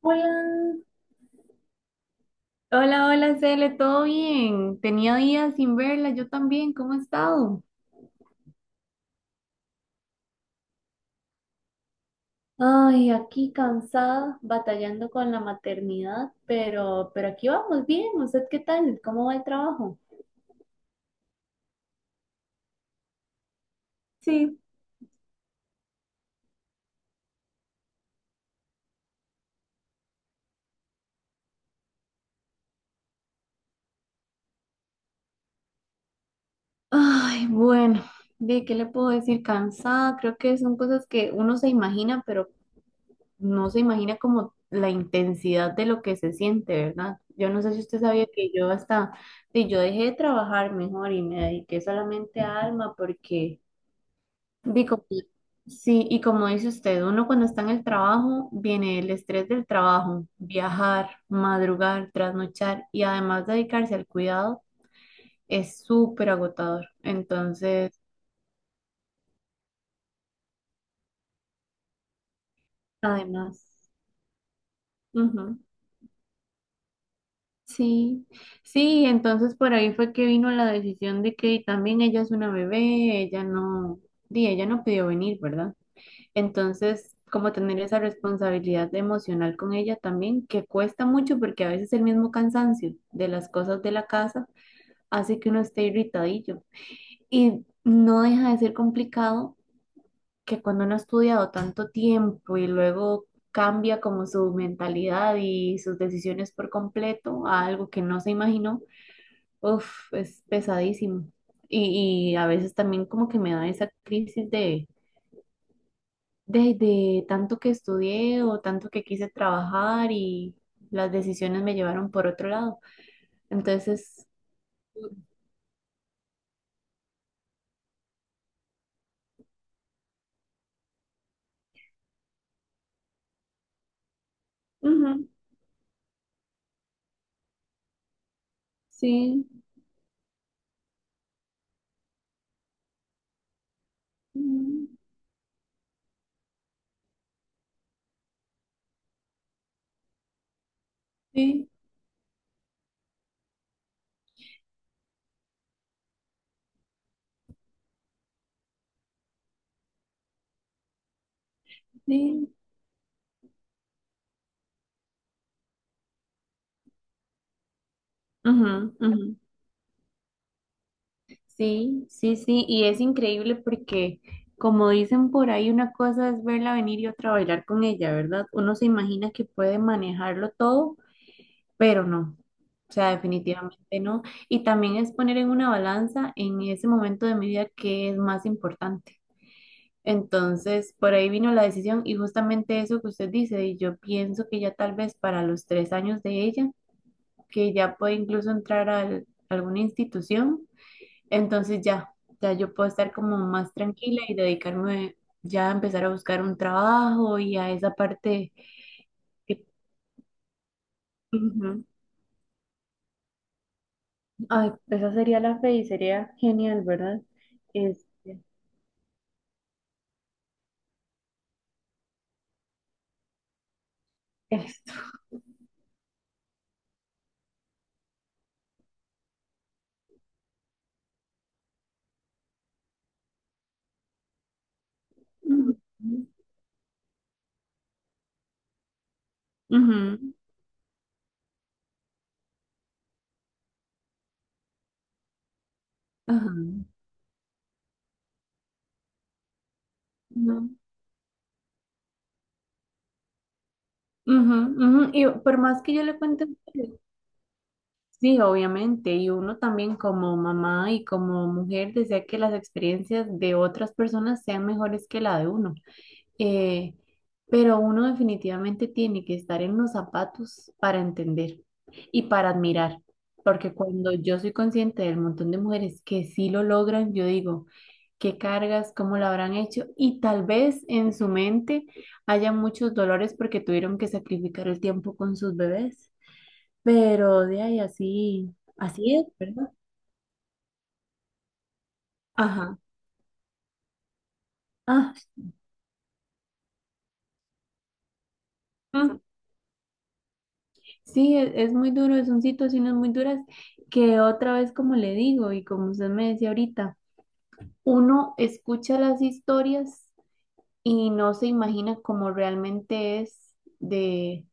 Hola, hola, Cele, ¿todo bien? Tenía días sin verla, yo también, ¿cómo has estado? Ay, aquí cansada, batallando con la maternidad, pero aquí vamos bien. ¿Usted qué tal? ¿Cómo va el trabajo? Sí. Ay, bueno, ¿de qué le puedo decir? Cansada, creo que son cosas que uno se imagina, pero no se imagina como la intensidad de lo que se siente, ¿verdad? Yo no sé si usted sabía sí, yo dejé de trabajar mejor y me dediqué solamente a Alma porque, digo, sí, y como dice usted, uno cuando está en el trabajo, viene el estrés del trabajo, viajar, madrugar, trasnochar y además dedicarse al cuidado es súper agotador. Entonces, además, ujú. Sí, sí, entonces por ahí fue que vino la decisión de que también ella es una bebé, ella no pidió venir, ¿verdad? Entonces, como tener esa responsabilidad emocional con ella también, que cuesta mucho porque a veces el mismo cansancio de las cosas de la casa hace que uno esté irritadillo. Y no deja de ser complicado que cuando uno ha estudiado tanto tiempo y luego cambia como su mentalidad y sus decisiones por completo a algo que no se imaginó. Uf, es pesadísimo. Y a veces también como que me da esa crisis de tanto que estudié o tanto que quise trabajar y las decisiones me llevaron por otro lado. Entonces, ujú, sí, ujú, sí, sí. Ujú, ujú. Sí, sí, sí. Y es increíble porque, como dicen por ahí, una cosa es verla venir y otra bailar con ella, ¿verdad? Uno se imagina que puede manejarlo todo pero no, o sea, definitivamente no. Y también es poner en una balanza en ese momento de mi vida qué es más importante. Entonces, por ahí vino la decisión y justamente eso que usted dice, y yo pienso que ya tal vez para los tres años de ella, que ya puede incluso entrar a alguna institución, entonces ya, ya yo puedo estar como más tranquila y dedicarme ya a empezar a buscar un trabajo y a esa parte que... Ay, esa sería la fe y sería genial, ¿verdad? Este, esto. Ujú, ujú, ajá, ujú, ujú, ujú. Y por más que yo le cuente, sí, obviamente, y uno también como mamá y como mujer desea que las experiencias de otras personas sean mejores que la de uno. eh, pero uno definitivamente tiene que estar en los zapatos para entender y para admirar, porque cuando yo soy consciente del montón de mujeres que sí lo logran, yo digo, qué cargas, cómo lo habrán hecho, y tal vez en su mente haya muchos dolores porque tuvieron que sacrificar el tiempo con sus bebés, pero de ahí así, así es, ¿verdad? Ajá. Ah, sí, es muy duro, son situaciones muy duras que otra vez, como le digo y como usted me decía ahorita, uno escucha las historias y no se imagina cómo realmente de,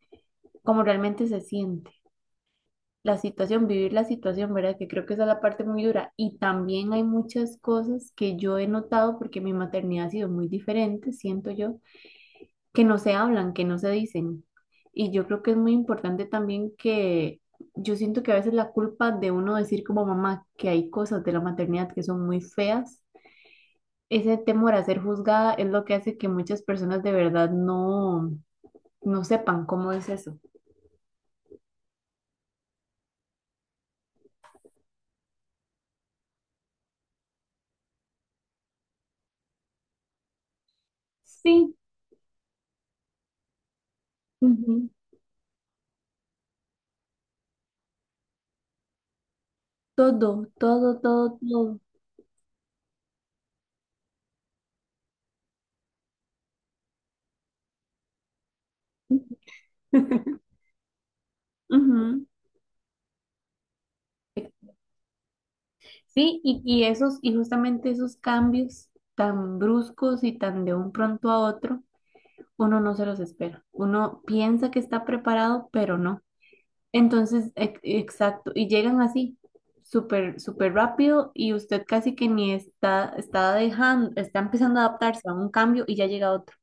cómo realmente se siente la situación, vivir la situación, ¿verdad? Que creo que esa es la parte muy dura. Y también hay muchas cosas que yo he notado porque mi maternidad ha sido muy diferente, siento yo que no se hablan, que no se dicen. Y yo creo que es muy importante también que yo siento que a veces la culpa de uno decir como mamá que hay cosas de la maternidad que son muy feas, ese temor a ser juzgada es lo que hace que muchas personas de verdad no sepan cómo es eso. Sí, ujú. Todo, todo, todo, todo. Ujú. Sí, y esos, y justamente esos cambios tan bruscos y tan de un pronto a otro uno no se los espera. Uno piensa que está preparado, pero no. Entonces, exacto, y llegan así, súper, súper rápido y usted casi que ni está dejando, está empezando a adaptarse a un cambio y ya llega otro.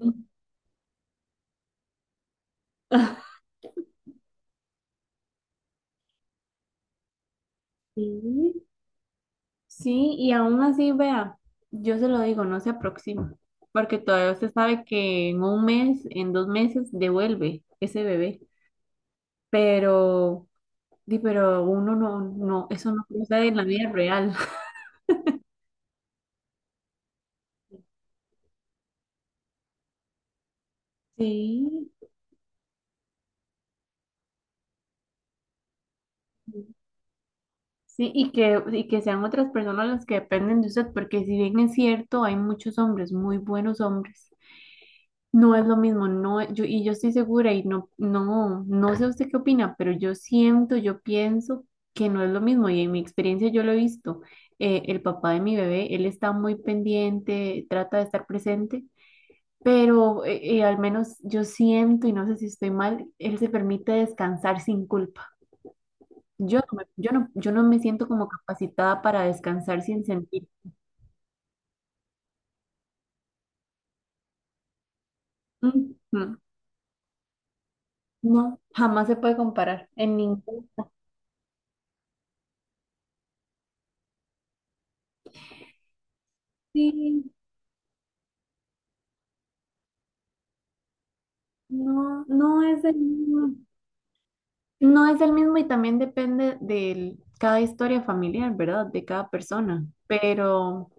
Mm. Sí, sí, y aún así, vea, yo se lo digo, no se aproxima, porque todavía usted sabe que en un mes, en dos meses, devuelve ese bebé, pero, di, pero uno eso no sucede en la vida real. Sí, sí, y que sean otras personas las que dependen de usted, porque si bien es cierto, hay muchos hombres, muy buenos hombres, no es lo mismo, no, y yo estoy segura, y no sé usted qué opina, pero yo siento, yo pienso que no es lo mismo, y en mi experiencia yo lo he visto, el papá de mi bebé, él está muy pendiente, trata de estar presente, pero al menos yo siento, y no sé si estoy mal, él se permite descansar sin culpa. Yo no me siento como capacitada para descansar sin sentir. Ujú. No, jamás se puede comparar en ningún. Sí, no, no es el mismo. No es el mismo y también depende de cada historia familiar, ¿verdad? De cada persona. Pero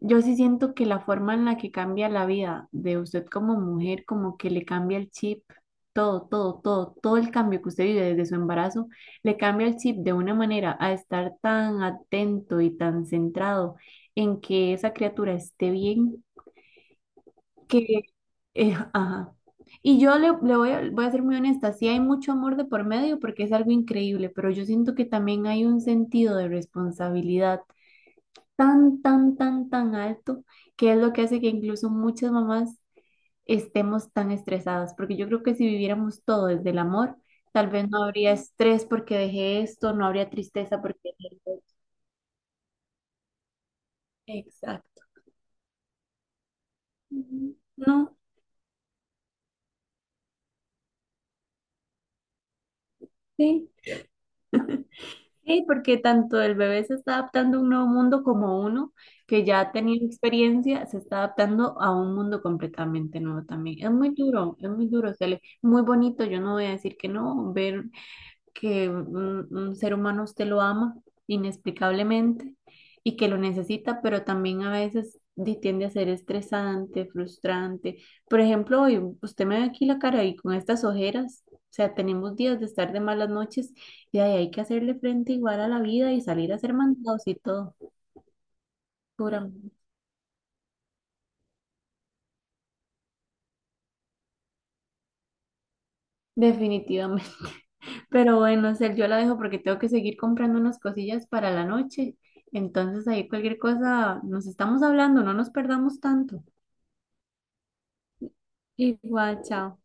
yo sí siento que la forma en la que cambia la vida de usted como mujer, como que le cambia el chip, todo, todo, todo, todo el cambio que usted vive desde su embarazo, le cambia el chip de una manera a estar tan atento y tan centrado en que esa criatura esté bien, que, ajá. Y yo voy a ser muy honesta, sí hay mucho amor de por medio porque es algo increíble, pero yo siento que también hay un sentido de responsabilidad tan alto, que es lo que hace que incluso muchas mamás estemos tan estresadas, porque yo creo que si viviéramos todo desde el amor, tal vez no habría estrés porque dejé esto, no habría tristeza porque dejé esto. Exacto. Ujú. No, sí, sí, porque tanto el bebé se está adaptando a un nuevo mundo como uno que ya ha tenido experiencia se está adaptando a un mundo completamente nuevo también. Es muy duro, Cele, muy bonito, yo no voy a decir que no, ver que un ser humano usted lo ama inexplicablemente y que lo necesita, pero también a veces tiende a ser estresante, frustrante. Por ejemplo, hoy usted me ve aquí la cara y con estas ojeras, o sea, tenemos días de estar de malas noches y de ahí hay que hacerle frente igual a la vida y salir a hacer mandados y todo. Pura. Definitivamente. Pero bueno, Cel, yo la dejo porque tengo que seguir comprando unas cosillas para la noche. Entonces ahí cualquier cosa, nos estamos hablando, no nos perdamos tanto. Igual, chao.